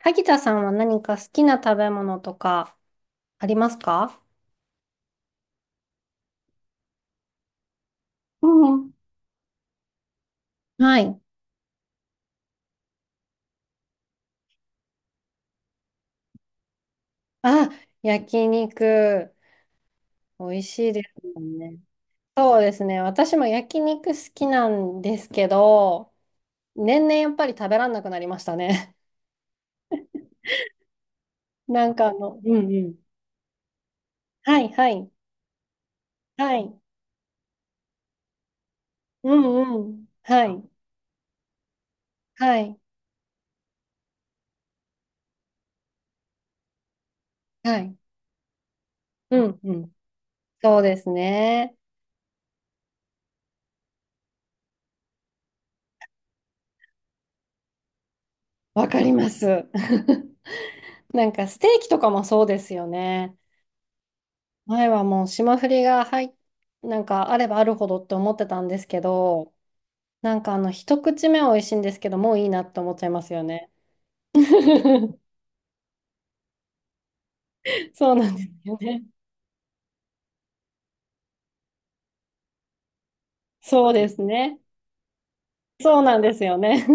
萩田さんは何か好きな食べ物とかありますか？うん。はい。あ、焼肉。美味しいですもんね。そうですね。私も焼肉好きなんですけど、年々やっぱり食べらんなくなりましたね。うんうん。はい、はい、はい。うんうん。はい、はい、はい。うんうん。そうですね。わかります。なんかステーキとかもそうですよね。前はもう霜降りが入っ、なんかあればあるほどって思ってたんですけど、一口目は美味しいんですけど、もういいなって思っちゃいますよね。そうなんですよね。そうですね。そうなんですよね。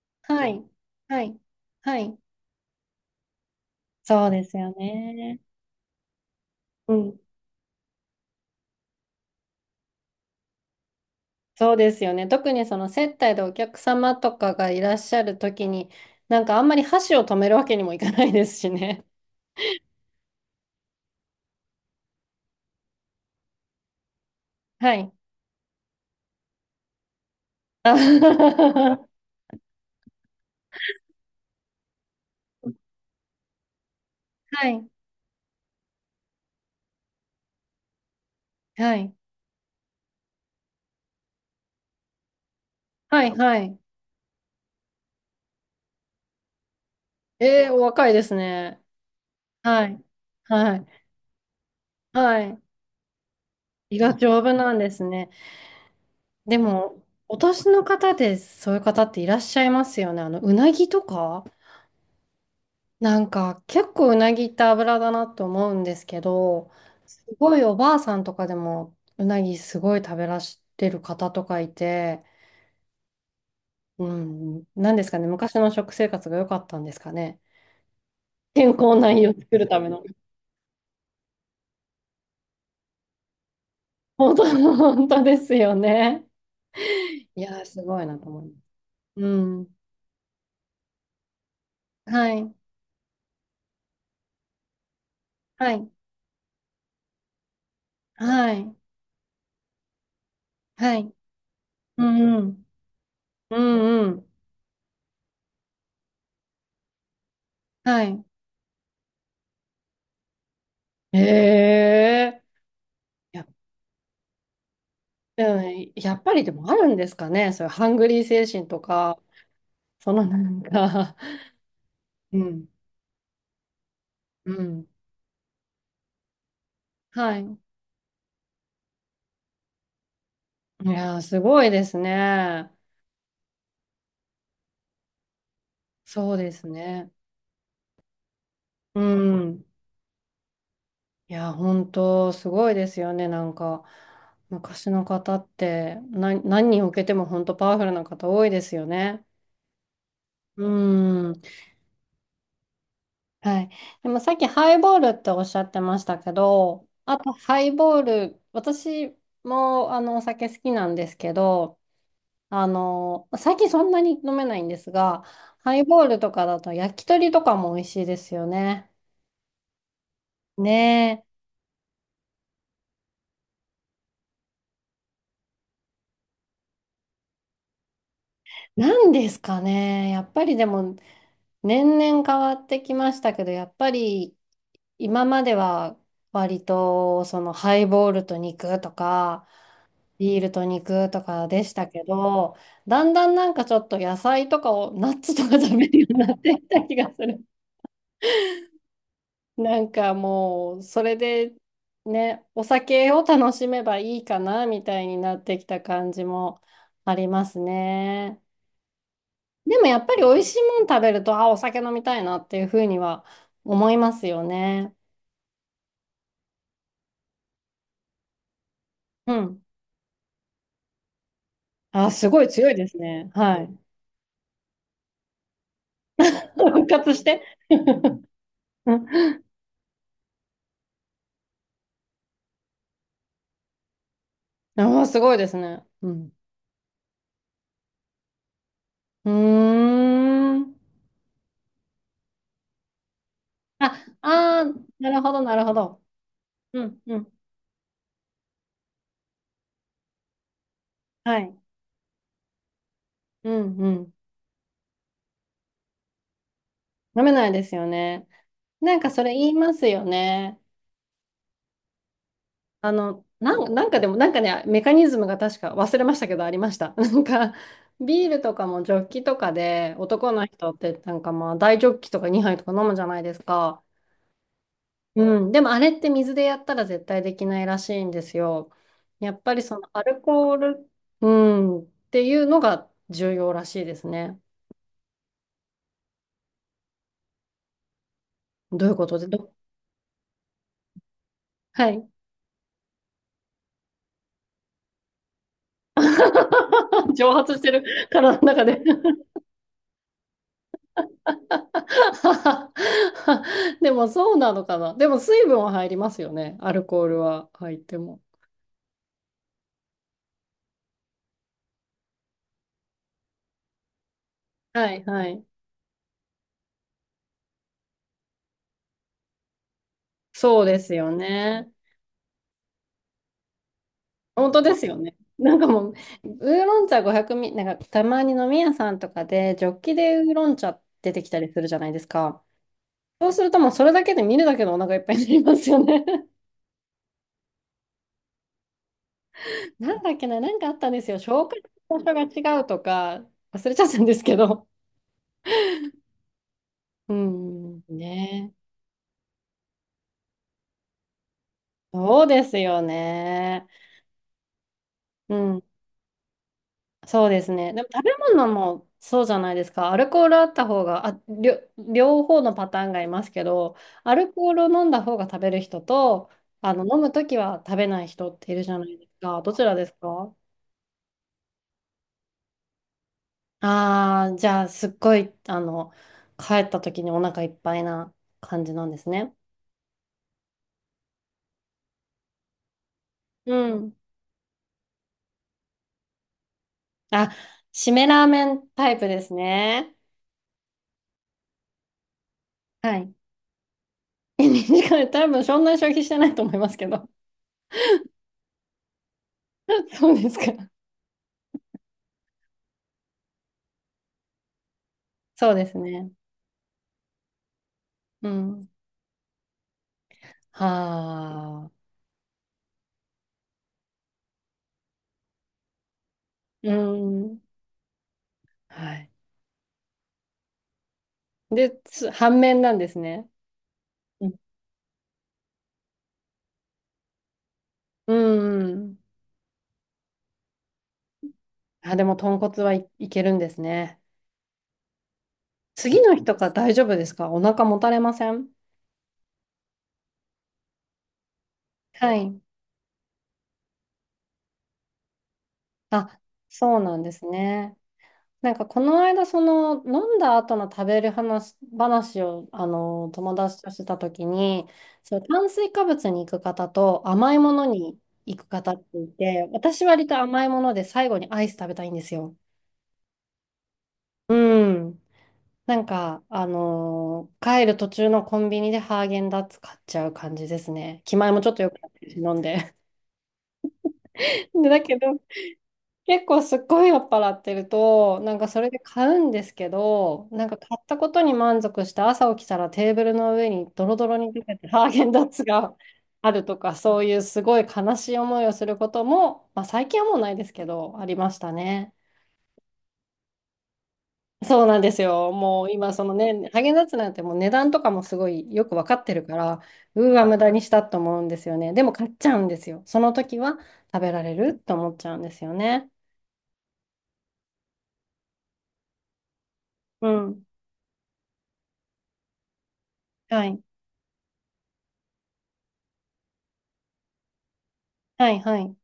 はい。はい。はい。そうですよね。うん。そうですよね。特にその接待でお客様とかがいらっしゃるときに、なんかあんまり箸を止めるわけにもいかないですしね。はい。あ はい。はい。はいはい。えー、お若いですね。はい。はい。はい。胃が丈夫なんですね。でも、お年の方でそういう方っていらっしゃいますよね。あの、うなぎとかなんか、結構うなぎって脂だなと思うんですけど、すごいおばあさんとかでもうなぎすごい食べらしてる方とかいて、うん、なんですかね、昔の食生活が良かったんですかね。健康な胃を作るための。本当、本当ですよね。いやー、すごいなと思います。うん。はい。はい。はい。はい。うんうん。うんうん。はい。ええや、うんやっぱりでもあるんですかね。そういうハングリー精神とか、そのなんか うん。うん。はい。いやー、すごいですね。そうですね。うん。いやー、本当すごいですよね。なんか、昔の方って、な、何人受けても本当パワフルな方多いですよね。うーん。はい。でもさっきハイボールっておっしゃってましたけど、あとハイボール、私もあのお酒好きなんですけど、あの、最近そんなに飲めないんですが、ハイボールとかだと焼き鳥とかも美味しいですよね。ねえ。なんですかね。やっぱりでも年々変わってきましたけど、やっぱり今までは割とそのハイボールと肉とか、ビールと肉とかでしたけど、だんだんなんかちょっと野菜とかを、ナッツとか食べるようになってきた気がする。なんかもう、それでね、お酒を楽しめばいいかな、みたいになってきた感じもありますね。でもやっぱり美味しいもん食べると、あ、お酒飲みたいなっていうふうには思いますよね。うん。あ、すごい強いですね。はい。復活して。あすごいですね。うん。うーん。あ、あー、なるほど、なるほど。うん、うん。はい。うん、うん。飲めないですよね。なんかそれ言いますよね。あの、なん、なんかでも、なんかね、メカニズムが確か忘れましたけど、ありました。なんか、ビールとかもジョッキとかで、男の人ってなんかまあ、大ジョッキとか2杯とか飲むじゃないですか。うん、でもあれって水でやったら絶対できないらしいんですよ。やっぱりそのアルコール、うん、っていうのが重要らしいですね。どういうことで、ど、はい。蒸発してる体の中で でもそうなのかな。でも水分は入りますよね。アルコールは入っても。はいはい。そうですよね。本当ですよね。なんかもう、ウーロン茶500ミリ、なんかたまに飲み屋さんとかで、ジョッキでウーロン茶出てきたりするじゃないですか。そうするともうそれだけで見るだけでお腹いっぱいになりますよね。なんだっけな、なんかあったんですよ。紹介場所が違うとか、忘れちゃったんですけど。うん、ね。そうですよね。うんそうですね。でも食べ物もそうじゃないですか。アルコールあった方が、あ、両、両方のパターンがいますけど、アルコールを飲んだ方が食べる人と、あの、飲むときは食べない人っているじゃないですか。どちらですか？ああー、じゃあ、すっごい、あの、帰ったときにお腹いっぱいな感じなんですね。うん。あ、締めラーメンタイプですね。はい。2時んで多分そんなに消費してないと思いますけど。そうですか。そうですね。うん。はあうん。はい。で、つ反面なんですね。うんうんうん。あ、でも豚骨はい、いけるんですね。次の日とか大丈夫ですか？お腹もたれません？はい。あ、そうなんですね。なんかこの間、その飲んだ後の食べる話、話をあの友達としてた時に、そう、炭水化物に行く方と甘いものに行く方っていて、私割と甘いもので最後にアイス食べたいんですよ。うん。なんか、あのー帰る途中のコンビニでハーゲンダッツ買っちゃう感じですね。気前もちょっと良くなってるし、飲んで。で、だけど、結構すっごい酔っ払ってると、なんかそれで買うんですけど、なんか買ったことに満足して朝起きたらテーブルの上にドロドロに出ててハーゲンダッツがあるとか、そういうすごい悲しい思いをすることも、まあ最近はもうないですけど、ありましたね。そうなんですよ。もう今、そのね、ハーゲンダッツなんてもう値段とかもすごいよく分かってるから、うーわ、無駄にしたと思うんですよね。でも買っちゃうんですよ。その時は食べられると思っちゃうんですよね。うん。はい。はい、はい。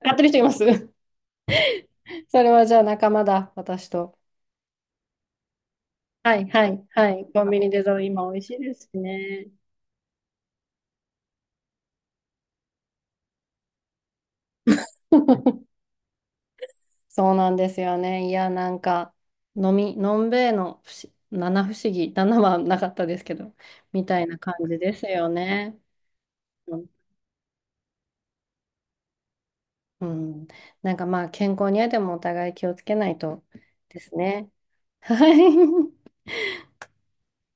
買ってる人います それはじゃあ仲間だ、私と。はい、はい、はい。コンビニデザート今美味しいですしね。そうなんですよね。いや、なんか、飲み、のんべえの不思七不思議、七はなかったですけど、みたいな感じですよね。うんうん。なんかまあ、健康にはでもお互い気をつけないとですね。はい。